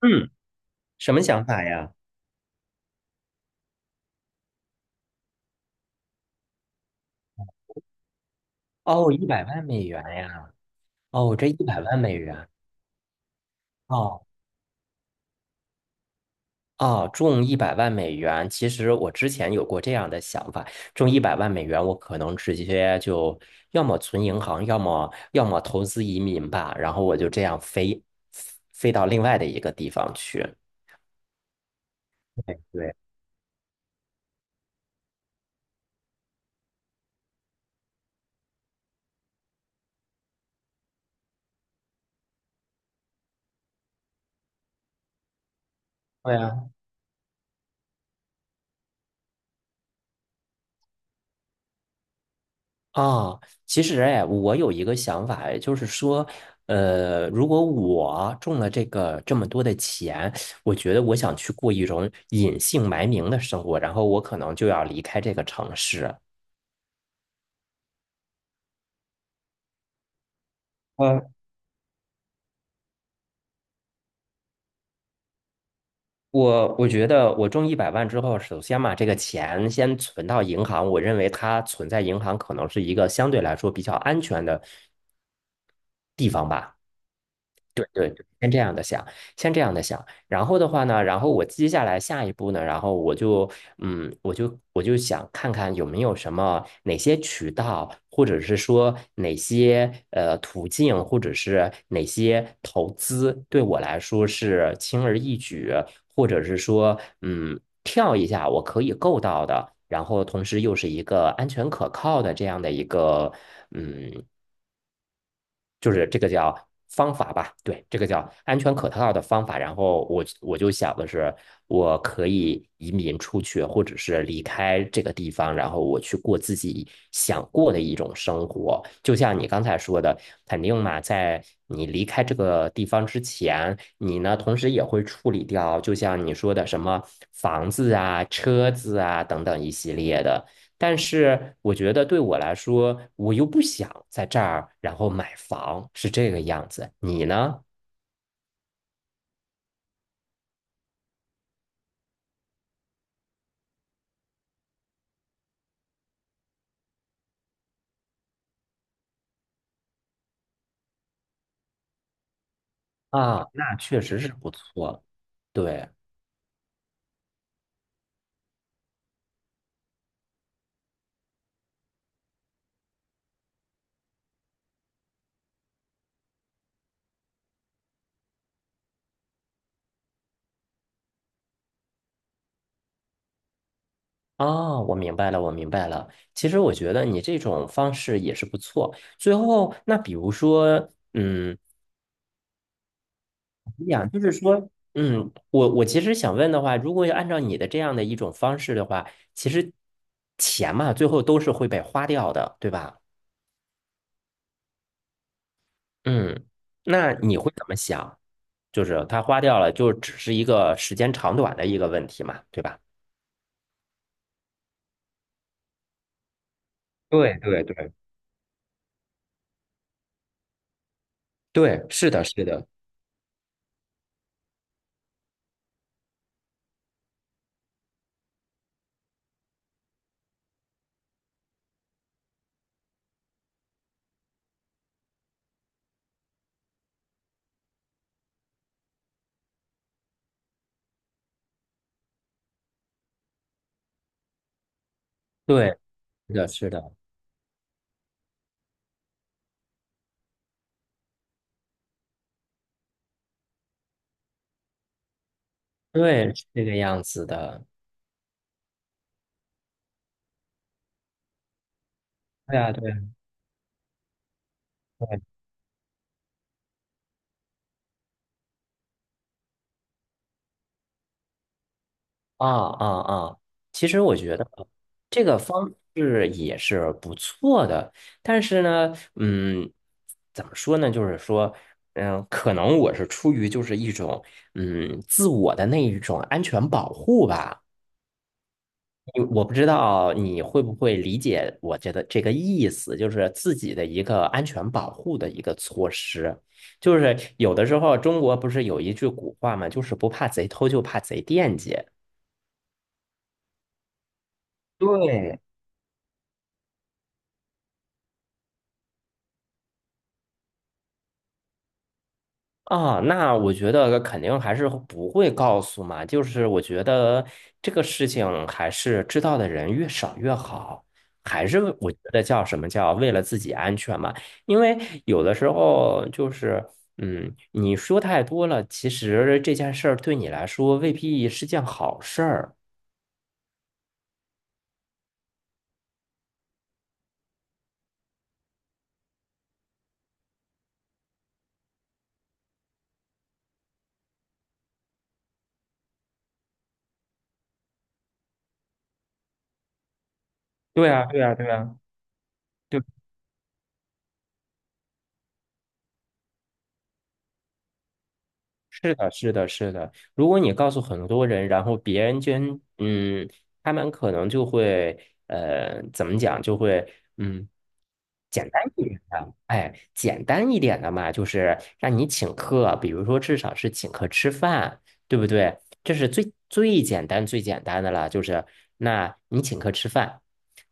嗯，什么想法呀？哦，一百万美元呀！哦，这一百万美元，哦哦，中一百万美元。其实我之前有过这样的想法，中一百万美元，我可能直接就要么存银行，要么投资移民吧。然后我就这样飞到另外的一个地方去。对。对啊啊，其实哎，我有一个想法，就是说，如果我中了这个这么多的钱，我觉得我想去过一种隐姓埋名的生活，然后我可能就要离开这个城市。呃，我觉得我中一百万之后，首先嘛，这个钱先存到银行，我认为它存在银行可能是一个相对来说比较安全的地方吧。对对对，先这样的想，先这样的想，然后的话呢，然后我接下来下一步呢，然后我就，我就想看看有没有什么哪些渠道，或者是说哪些途径，或者是哪些投资对我来说是轻而易举，或者是说，跳一下我可以够到的，然后同时又是一个安全可靠的这样的一个，嗯。就是这个叫方法吧，对，这个叫安全可靠的方法。然后我就想的是，我可以移民出去，或者是离开这个地方，然后我去过自己想过的一种生活。就像你刚才说的，肯定嘛，在你离开这个地方之前，你呢同时也会处理掉，就像你说的什么房子啊、车子啊等等一系列的。但是我觉得对我来说，我又不想在这儿，然后买房，是这个样子。你呢？啊，那确实是不错。对，啊，我明白了，我明白了。其实我觉得你这种方式也是不错。最后，那比如说，嗯，你想就是说，我其实想问的话，如果要按照你的这样的一种方式的话，其实钱嘛，最后都是会被花掉的，对吧？嗯，那你会怎么想？就是他花掉了，就只是一个时间长短的一个问题嘛，对吧？对对对对，是的，是的，对，是的，是的，对，是这个样子的。对啊，对啊，对啊啊啊！其实我觉得这个方式也是不错的，但是呢，怎么说呢？就是说，可能我是出于就是一种自我的那一种安全保护吧。因为我不知道你会不会理解我觉得这个意思，就是自己的一个安全保护的一个措施。就是有的时候中国不是有一句古话嘛，就是不怕贼偷，就怕贼惦记。对，啊，那我觉得肯定还是不会告诉嘛，就是我觉得这个事情还是知道的人越少越好，还是我觉得叫什么叫为了自己安全嘛，因为有的时候就是，你说太多了，其实这件事儿对你来说未必是件好事儿。对啊，对啊，对啊。是的，是的，是的。如果你告诉很多人，然后别人捐，他们可能就会，怎么讲，就会，嗯，简单一点的，哎，简单一点的嘛，就是让你请客，比如说至少是请客吃饭，对不对？这是最最简单最简单的了，就是那你请客吃饭。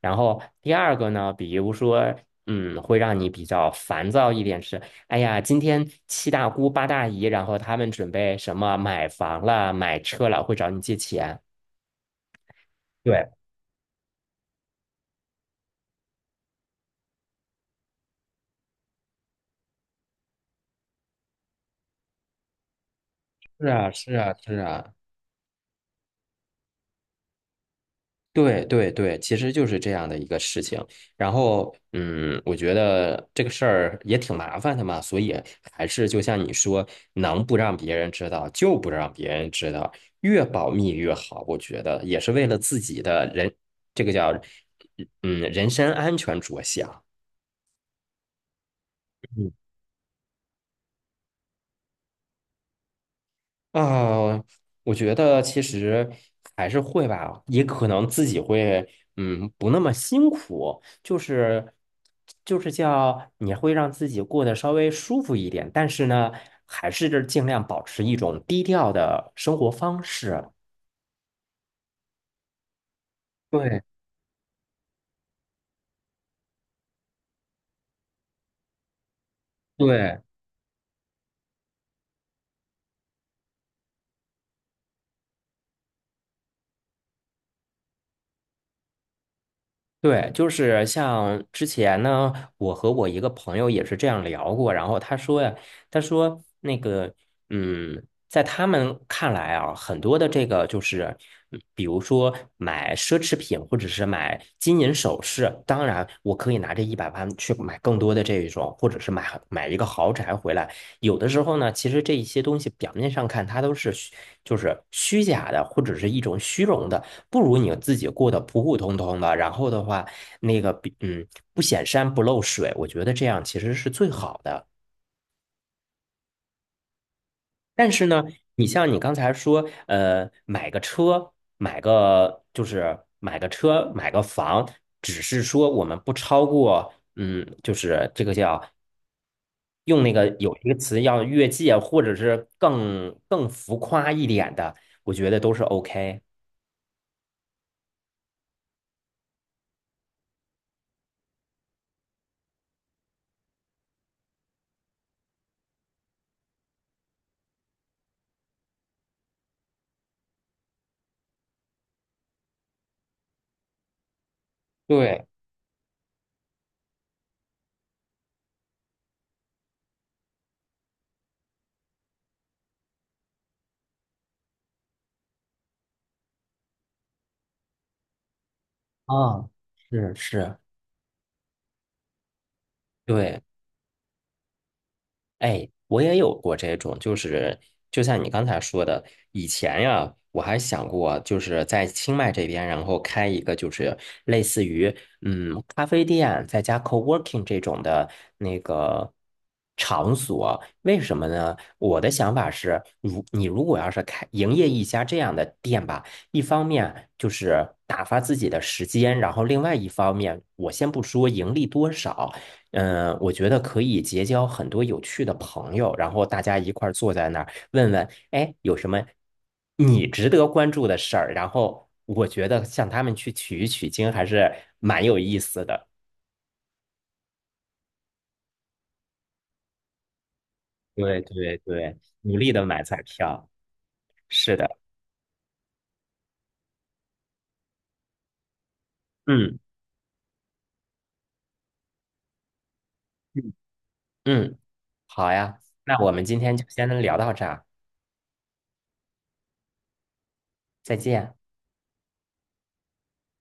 然后第二个呢，比如说，会让你比较烦躁一点是。哎呀，今天七大姑八大姨，然后他们准备什么买房了、买车了，会找你借钱。对，是啊，是啊，是啊，对对对，其实就是这样的一个事情。然后，我觉得这个事儿也挺麻烦的嘛，所以还是就像你说，能不让别人知道就不让别人知道，越保密越好。我觉得也是为了自己的人，这个叫人身安全着想。啊，我觉得其实还是会吧，也可能自己会，不那么辛苦，就是叫你会让自己过得稍微舒服一点，但是呢，还是尽量保持一种低调的生活方式。对对，对，就是像之前呢，我和我一个朋友也是这样聊过，然后他说呀，他说那个，嗯，在他们看来啊，很多的这个就是，比如说买奢侈品或者是买金银首饰，当然我可以拿这一百万去买更多的这一种，或者是买一个豪宅回来。有的时候呢，其实这一些东西表面上看它都是就是虚假的，或者是一种虚荣的。不如你自己过得普普通通的，然后的话，那个嗯不显山不漏水，我觉得这样其实是最好的。但是呢，你像你刚才说，买个车，买个车，买个房，只是说我们不超过，就是这个叫用那个有一个词叫越界，或者是更浮夸一点的，我觉得都是 OK。对，啊，是是，对。哎，我也有过这种，就是就像你刚才说的，以前呀，我还想过，就是在清迈这边，然后开一个就是类似于咖啡店，再加 co-working 这种的那个场所。为什么呢？我的想法是，如果要是开营业一家这样的店吧，一方面就是打发自己的时间，然后另外一方面，我先不说盈利多少。我觉得可以结交很多有趣的朋友，然后大家一块儿坐在那儿，问问，哎，有什么你值得关注的事儿？然后我觉得向他们去取一取经还是蛮有意思的。对对对，努力的买彩票，是的，嗯嗯嗯，好呀，那我们今天就先聊到这儿啊，再见。